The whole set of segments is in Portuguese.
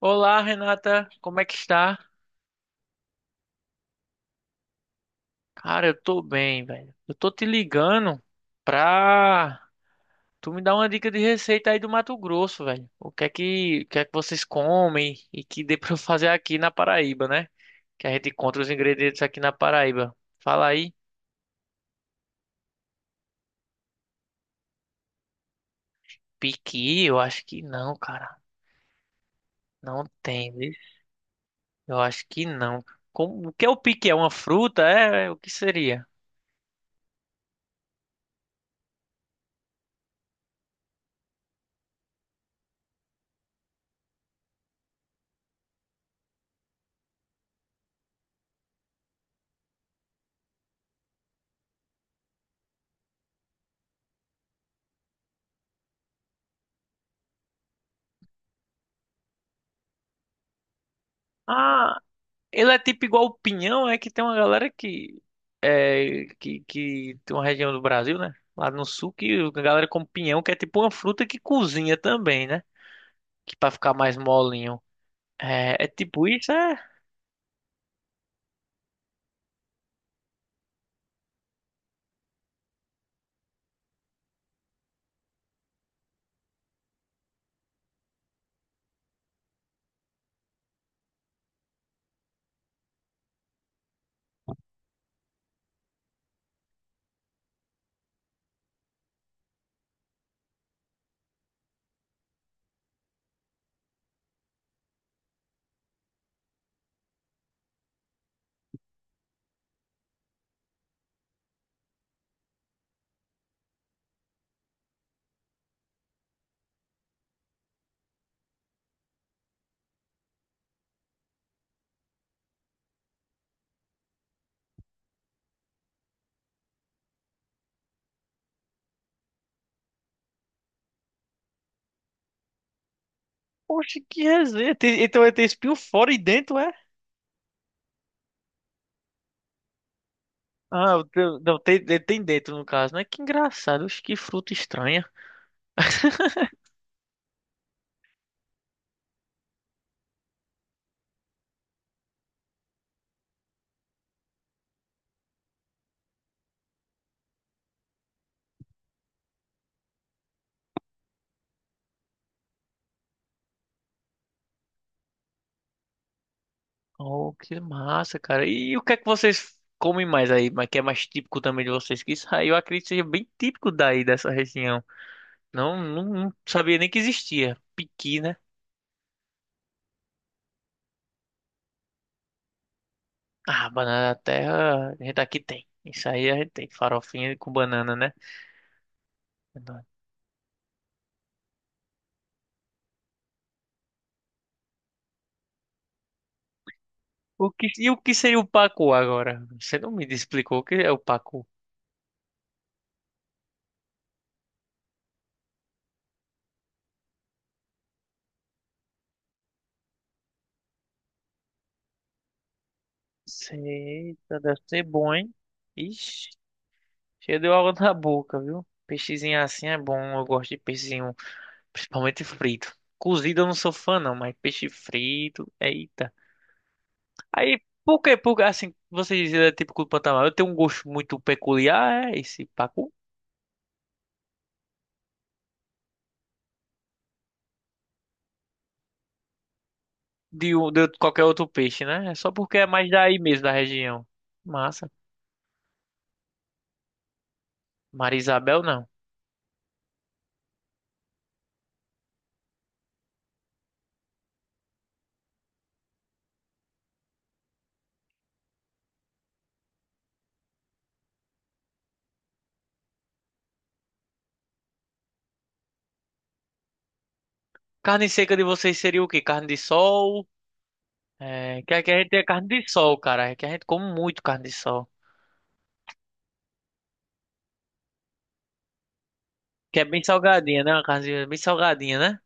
Olá, Renata, como é que está? Cara, eu tô bem, velho. Eu tô te ligando pra tu me dar uma dica de receita aí do Mato Grosso, velho. O que é que vocês comem e que dê pra eu fazer aqui na Paraíba, né? Que a gente encontra os ingredientes aqui na Paraíba. Fala aí. Piqui? Eu acho que não, cara. Não tem, viu? Eu acho que não. Como, o que é o piqui? É uma fruta? O que seria? Ah. Ele é tipo igual o pinhão, é que tem uma galera que tem uma região do Brasil, né? Lá no sul, que a galera come pinhão, que é tipo uma fruta que cozinha também, né? Que pra ficar mais molinho. É, é tipo isso, é? Poxa, que resenha. Tem- então ele tem espinho fora e dentro, é? Ah, o teu- não, tem, ele tem dentro no caso, né? Que engraçado, oxe, que fruta estranha. Oh, que massa, cara. E o que é que vocês comem mais aí? Mas que é mais típico também de vocês? Que isso aí eu acredito que seja bem típico daí dessa região. Não, não sabia nem que existia. Piqui, né? Ah, banana da terra, a gente aqui tem. Isso aí a gente tem. Farofinha com banana, né? O que, e o que seria o pacu agora? Você não me explicou o que é o pacu. Eita, deve ser bom, hein? Ixi, cheio de água na boca, viu? Peixezinho assim é bom. Eu gosto de peixezinho, principalmente frito. Cozido eu não sou fã, não, mas peixe frito, eita. Aí, assim, vocês é típico do Pantanal? Eu tenho um gosto muito peculiar, é esse pacu, de, um- de qualquer outro peixe, né? É só porque é mais daí mesmo, da região. Massa. Marisabel, não. Carne seca de vocês seria o quê? Carne de sol? É, que aqui a gente tem carne de sol, cara. Que a gente come muito carne de sol. Que é bem salgadinha, né? Uma carne bem salgadinha, né?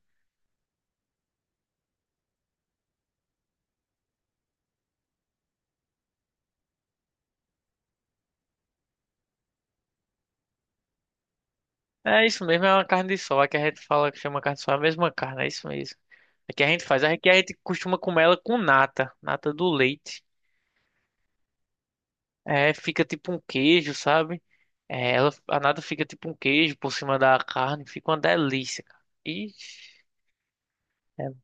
É isso mesmo, é uma carne de sol. Aqui a gente fala que chama carne de sol, é a mesma carne, é isso mesmo. Aqui a gente costuma comer ela com nata, nata do leite. É, fica tipo um queijo, sabe? É, ela, a nata fica tipo um queijo por cima da carne, fica uma delícia, cara. Ixi, é.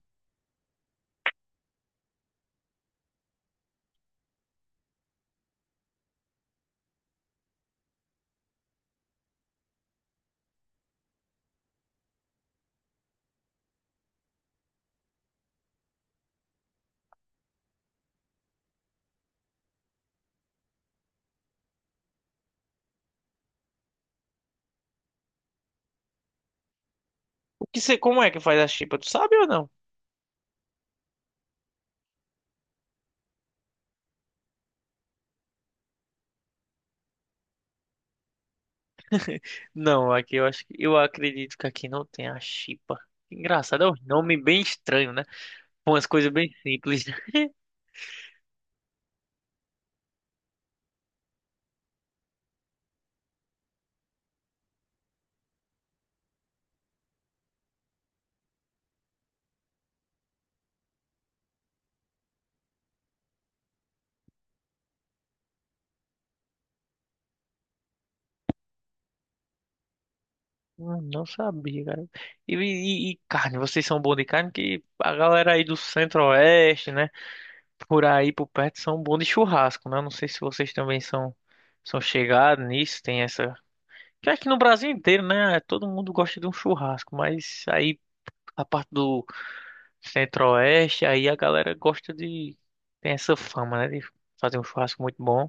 O que você, como é que faz a chipa? Tu sabe ou não? Não, aqui eu acho que eu acredito que aqui não tem a chipa. Engraçado, é um nome bem estranho, né? Com umas coisas bem simples. Não sabia, cara. E carne, vocês são bons de carne que a galera aí do Centro-Oeste, né? Por aí por perto são bons de churrasco, né? Não sei se vocês também são são chegados nisso, tem essa. Que aqui no Brasil inteiro, né? Todo mundo gosta de um churrasco, mas aí a parte do Centro-Oeste, aí a galera gosta de tem essa fama, né? De fazer um churrasco muito bom.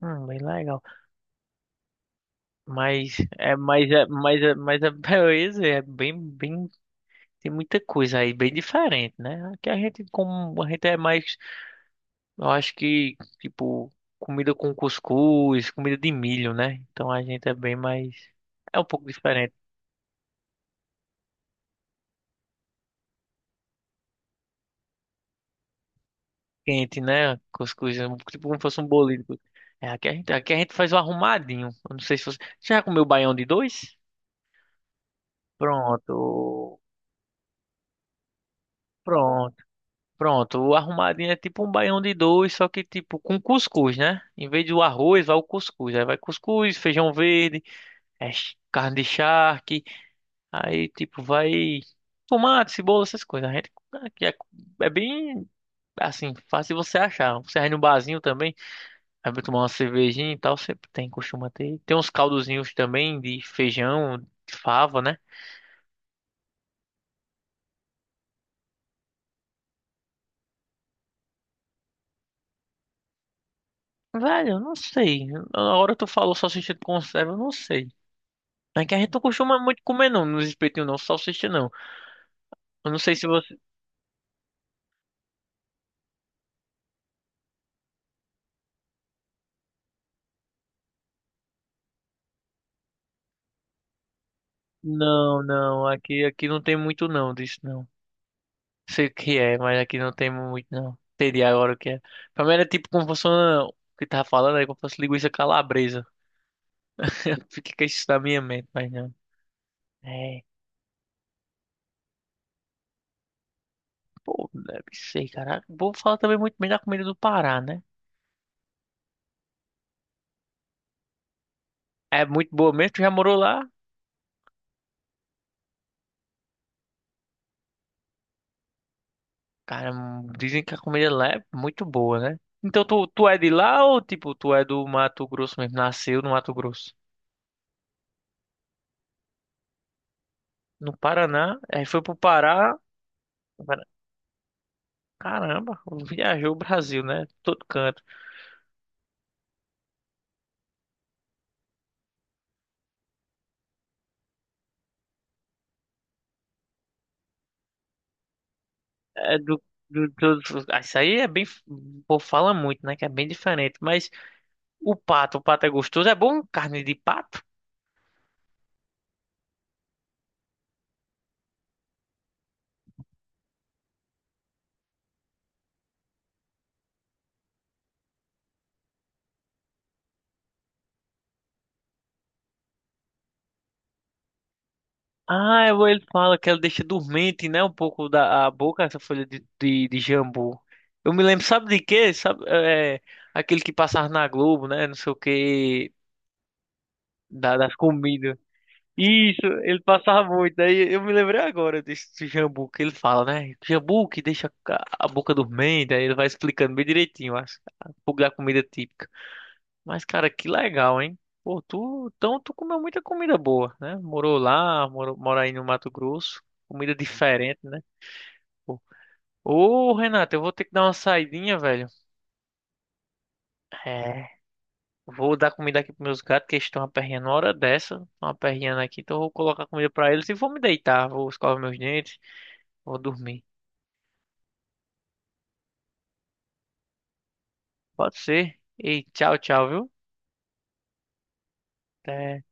Bem legal. Beleza, bem, tem muita coisa aí bem diferente, né? Aqui a gente como a gente é mais eu acho que, tipo, comida com cuscuz, comida de milho, né? Então a gente é bem mais. É um pouco diferente. Quente, né? Cuscuz, é um- tipo como fosse um bolinho. É, aqui a gente faz o arrumadinho. Eu não sei se você. Você já comeu baião de dois? Pronto. Pronto. Pronto. O arrumadinho é tipo um baião de dois, só que tipo com cuscuz, né? Em vez do arroz, vai o cuscuz. Aí vai cuscuz, feijão verde, é, ch- carne de charque. Aí, tipo, vai tomate, cebola, essas coisas. A gente aqui é, é bem assim, fácil você achar. Você vai no barzinho também, aí vai tomar uma cervejinha e tal, sempre tem, costuma ter. Tem uns caldozinhos também de feijão, de fava, né? Velho, eu não sei. Na hora tu falou salsicha de conserva, eu não sei. É que a gente não costuma muito comer não, nos espetinhos não, salsicha não. Eu não sei se você. Não, aqui, aqui não tem muito não disso não. Sei o que é, mas aqui não tem muito, não. Entendi agora o que é. Pra mim era tipo como fosse uma... O que tava falando aí, como fosse linguiça calabresa. Fica com isso na minha mente, mas não. É, pô, deve ser, cara. Vou falar também muito bem da comida do Pará, né? É muito boa mesmo, tu já morou lá? Cara, dizem que a comida lá é muito boa, né? Então tu é de lá ou tipo, tu é do Mato Grosso mesmo? Nasceu no Mato Grosso? No Paraná, aí foi pro Pará. Pará- Caramba, viajou o Brasil, né? Todo canto. É do, do, do- ah, isso aí é bem. O povo fala muito, né? Que é bem diferente. Mas o pato é gostoso. É bom carne de pato? Ah, eu- ele fala que ela deixa dormente, né? Um pouco da a boca, essa folha de jambu. Eu me lembro, sabe de quê? Sabe, é, aquele que passava na Globo, né? Não sei o quê. Da, das comidas. Isso, ele passava muito. Daí eu me lembrei agora desse jambu que ele fala, né? Jambu que deixa a boca dormente, aí ele vai explicando bem direitinho as, a pouco da comida típica. Mas, cara, que legal, hein? Pô, tu, então tu comeu muita comida boa, né? Morou lá, morou, mora aí no Mato Grosso. Comida diferente, né? Pô. Ô, Renato, eu vou ter que dar uma saidinha, velho. É, vou dar comida aqui pros meus gatos, que eles estão aperreando uma hora dessa. Estão aperreando aqui, então eu vou colocar comida pra eles e vou me deitar, vou escovar meus dentes. Vou dormir. Pode ser? Ei, tchau, tchau, viu? Até.